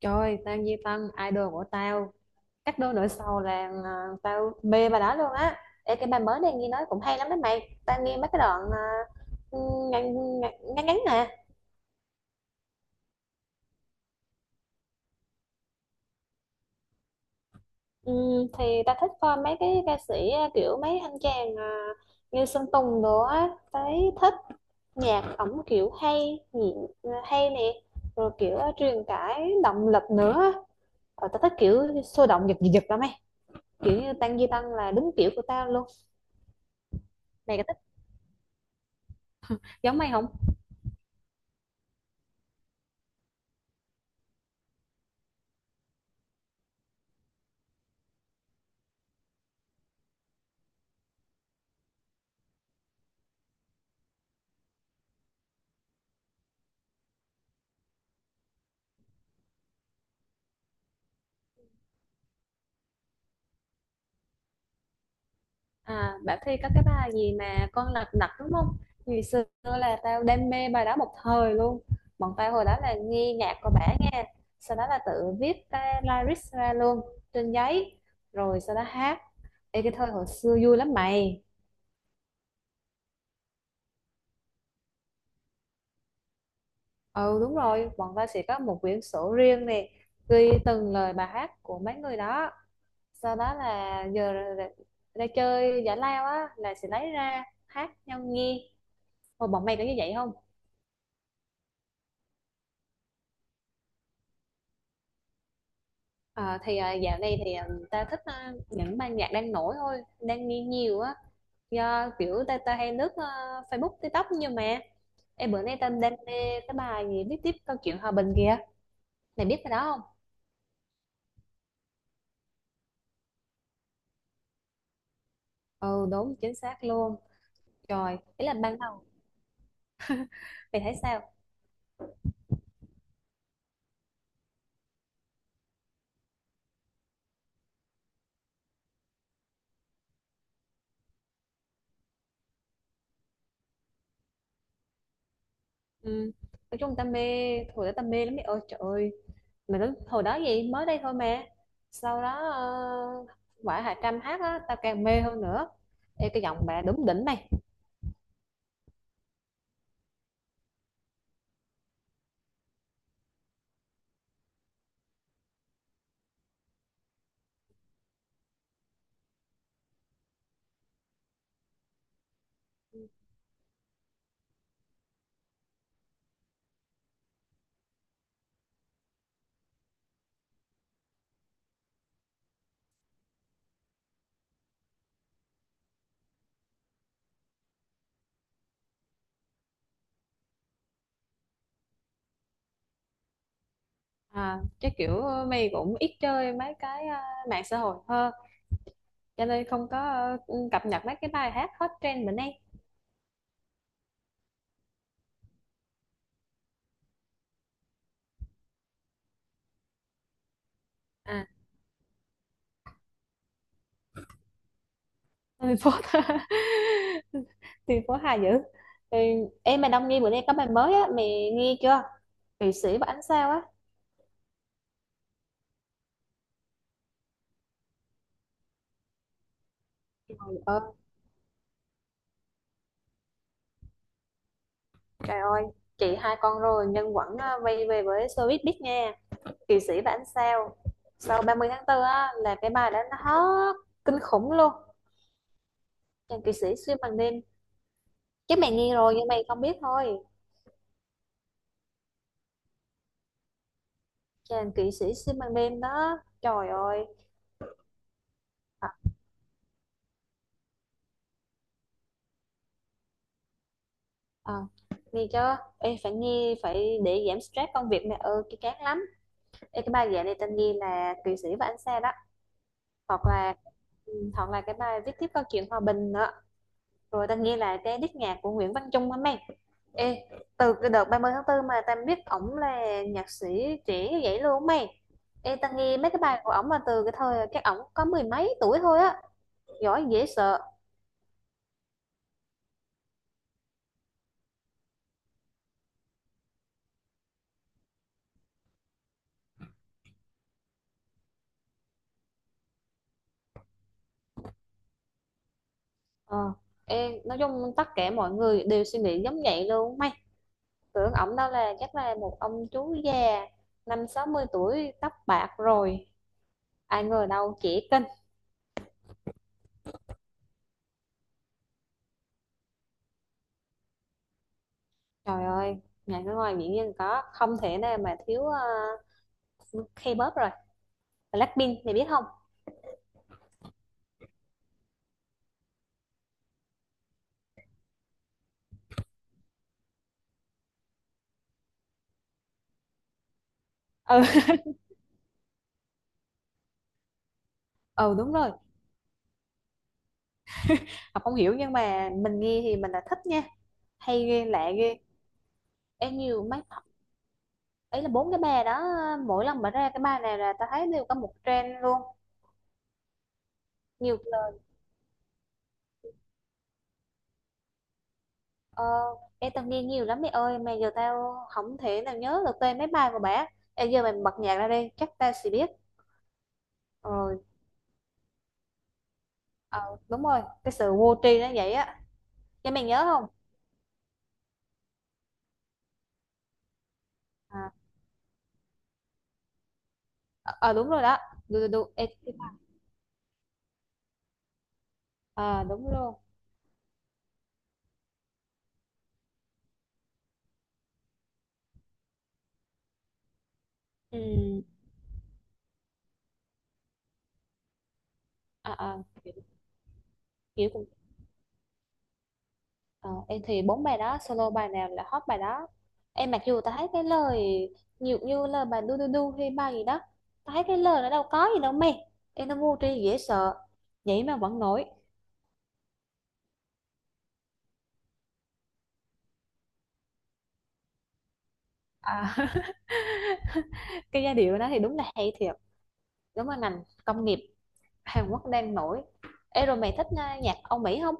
Trời ơi, tao Duy Tân, idol của tao. Cách đôi nửa sau là tao mê bà đó luôn á. Ê, cái bài mới này nghe nói cũng hay lắm đấy mày. Tao nghe mấy cái đoạn ngắn, ngắn ngắn nè. Ừ, thì tao thích coi mấy cái ca sĩ kiểu mấy anh chàng như Sơn Tùng đồ á. Tao thấy thích nhạc ổng kiểu hay, hay nè. Rồi kiểu truyền tải động lực nữa. Ờ, tao thích kiểu sôi động giật giật giật lắm ấy. Kiểu như Tăng Duy Tân là đúng kiểu của tao luôn. Mày có thích giống mày không? À, Bảo Thy có cái bài gì mà con lật đật đúng không? Ngày xưa là tao đam mê bài đó một thời luôn. Bọn tao hồi đó là nghe nhạc của bả nghe. Sau đó là tự viết cái lyrics ra luôn trên giấy. Rồi sau đó hát. Ê, cái thời hồi xưa vui lắm mày. Ừ đúng rồi, bọn tao sẽ có một quyển sổ riêng nè. Ghi từng lời bài hát của mấy người đó. Sau đó là ra chơi giải lao á là sẽ lấy ra hát nhau nghe. Hồi bọn mày có như vậy không? Dạo này thì ta thích những ban nhạc đang nổi thôi đang nghe nhiều á, do kiểu ta ta hay lướt Facebook, TikTok. Nhưng mà em, bữa nay ta đang nghe cái bài gì viết tiếp câu chuyện hòa bình kìa, mày biết cái đó không? Ừ đúng chính xác luôn. Trời, ý là ban đầu mày thấy sao? Ừ. Nói chung ta mê, hồi đó ta mê lắm mày ơi, trời ơi. Mà lúc hồi đó gì mới đây thôi mà, sau đó uh, quả Hà Trâm hát á tao càng mê hơn nữa. Ê, cái giọng bà đúng đỉnh mày. À, chắc kiểu mày cũng ít chơi mấy cái mạng xã hội hơn cho nên không có cập nhật mấy cái bài hát hot trend bữa nay. À thành phố thành phố Hà dữ. Ừ, em mà Đông Nghi bữa nay có bài mới á mày nghe chưa? Kỵ sĩ và ánh sao á. Trời ơi, trời ơi, chị hai con rồi nhưng vẫn quay về với showbiz biết nha. Kỵ sĩ và ánh sao sau 30 tháng 4 á là cái bài đó nó hot kinh khủng luôn. Chàng kỵ sĩ xuyên bằng đêm, chứ mày nghe rồi nhưng mày không biết thôi. Chàng kỵ sĩ xuyên ban đêm đó, trời ơi. à, à, Nghe chưa, em phải nghe, phải để giảm stress công việc, mẹ ơi cái chán lắm. Ê, cái bài dạy này tên nghe là kỵ sĩ và anh xe đó. Hoặc là, ừ, hoặc là cái bài viết tiếp câu chuyện hòa bình nữa, rồi tên nghe là cái đít nhạc của Nguyễn Văn Trung hả mày. Ê, từ cái đợt 30 tháng 4 mà tao biết ổng là nhạc sĩ trẻ như vậy luôn mày. Ê, tao nghe mấy cái bài của ổng mà từ cái thời các ổng có mười mấy tuổi thôi á, giỏi dễ sợ. Ờ, em nói chung tất cả mọi người đều suy nghĩ giống vậy luôn mày, tưởng ổng đó là chắc là một ông chú già năm 60 tuổi tóc bạc rồi, ai ngờ đâu trẻ kinh. Trời ơi, nhà cái ngoài biển nhiên có không thể nào mà thiếu K-pop rồi Blackpink, mày biết không? Ừ. Ừ đúng rồi, Ngọc không hiểu nhưng mà mình nghe thì mình là thích nha, hay ghê lạ ghê. Em nhiều mấy ấy là bốn cái bài đó, mỗi lần mà ra cái bài này là ta thấy đều có một trend luôn, nhiều. Ờ, em tao nghe nhiều lắm mẹ ơi mà giờ tao không thể nào nhớ được tên mấy bài của bà. Em giờ mày bật nhạc ra đi chắc tao sẽ biết. Ờ, ờ đúng rồi, cái sự vô tri nó vậy á. Nhưng mày nhớ không? à, ờ ờ, đúng rồi đó. Đu, đu, đu. Em, đúng luôn. Ừ, à, à, kiểu, kiểu cũng ờ, em thì bốn bài đó solo bài nào là hot bài đó. Em mặc dù tao thấy cái lời nhiều như là bài đu đu đu hay bài gì đó, tao thấy cái lời nó đâu có gì đâu mày, em nó vô tri dễ sợ, vậy mà vẫn nổi. À cái giai điệu đó thì đúng là hay thiệt, đúng là ngành công nghiệp Hàn Quốc đang nổi. Ê rồi mày thích nhạc Âu Mỹ không?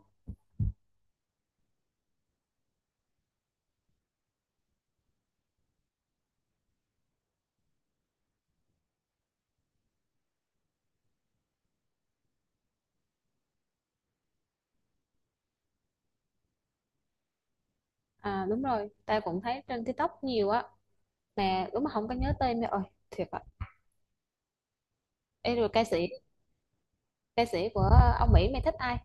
À đúng rồi tao cũng thấy trên TikTok nhiều á, mà đúng mà không có nhớ tên mày ơi, thiệt ạ. Ê rồi ca sĩ Ca sĩ của Âu Mỹ mày thích ai?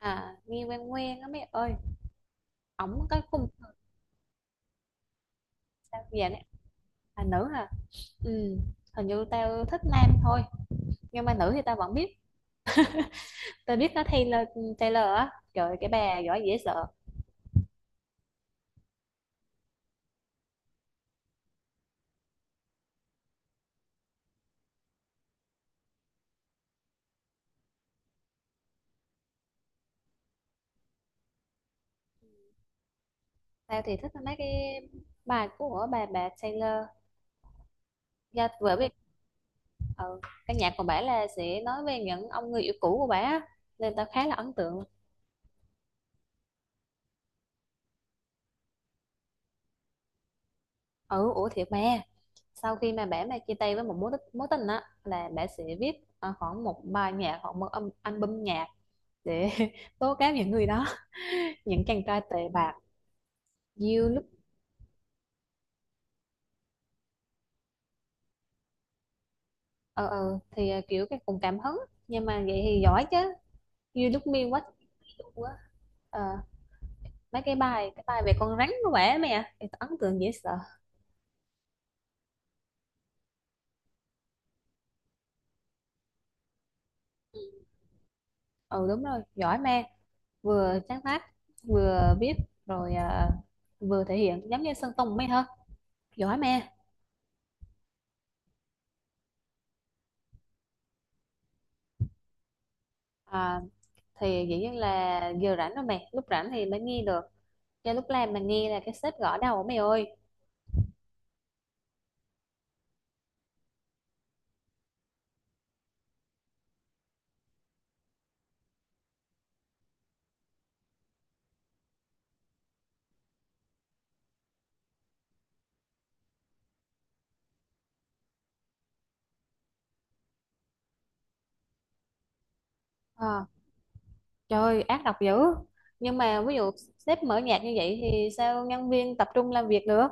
À Nghi Quan Nguyên á mày ơi, ổng có cung sao vậy nè? À nữ hả? Ừ, hình như tao thích nam thôi, nhưng mà nữ thì tao vẫn biết. Tao biết nó Taylor Taylor á, trời ơi, cái bà giỏi dễ sợ. Tao thì thích mấy cái bài của bà Taylor. Dạ, bởi vì, ừ, căn nhà của bả là sẽ nói về những ông người yêu cũ của bả, nên tao khá là ấn tượng. Ừ, ủa thiệt mà, sau khi mà bả mà chia tay với một mối tình á là bả sẽ viết khoảng một bài nhạc hoặc một album nhạc để tố cáo những người đó, những chàng trai tệ bạc. You look kiểu cái cùng cảm hứng, nhưng mà vậy thì giỏi chứ. You look me what you do á. Ờ, mấy cái bài về con rắn của bả mày thì tao ấn tượng dễ sợ. Ừ đúng rồi giỏi ma, vừa sáng tác vừa viết rồi vừa thể hiện giống như Sơn Tùng mấy hả, giỏi ma. à, thì dĩ nhiên là giờ rảnh rồi mày, lúc rảnh thì mới nghe được, cho lúc làm mà nghe là cái sếp gõ đầu mày ơi. à, Trời ơi, ác độc dữ. Nhưng mà ví dụ sếp mở nhạc như vậy thì sao nhân viên tập trung làm việc được?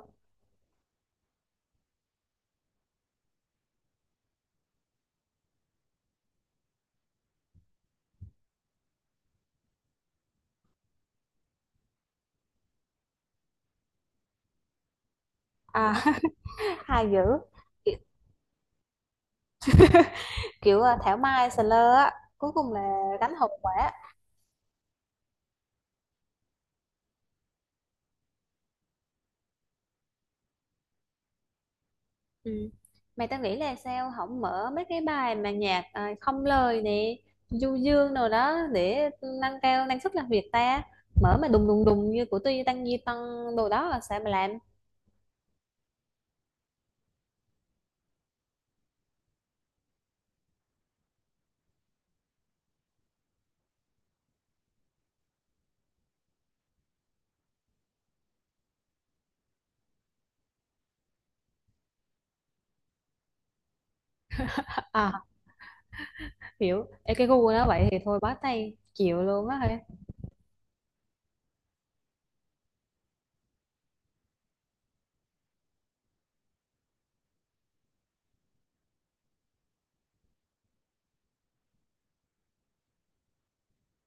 À hay dữ, kiểu thảo mai sờ lơ á, cuối cùng là gánh hậu quả. Ừ. Mày tao nghĩ là sao không mở mấy cái bài mà nhạc không lời nè, du dương rồi đó để nâng cao năng suất làm việc ta, mở mà đùng đùng đùng như của Tuy Tăng Di Tăng đồ đó là sao mà làm? À, hiểu. Ê, cái gu nó vậy thì thôi bó tay chịu luôn á hả?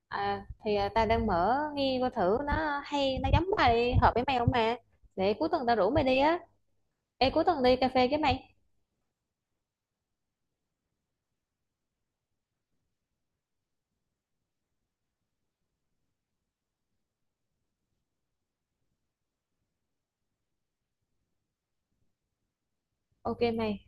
Thì tao đang mở nghe coi thử nó hay nó giống bài hợp với mày không mà, để cuối tuần tao rủ mày đi á. Ê cuối tuần đi cà phê với mày. Ok mày.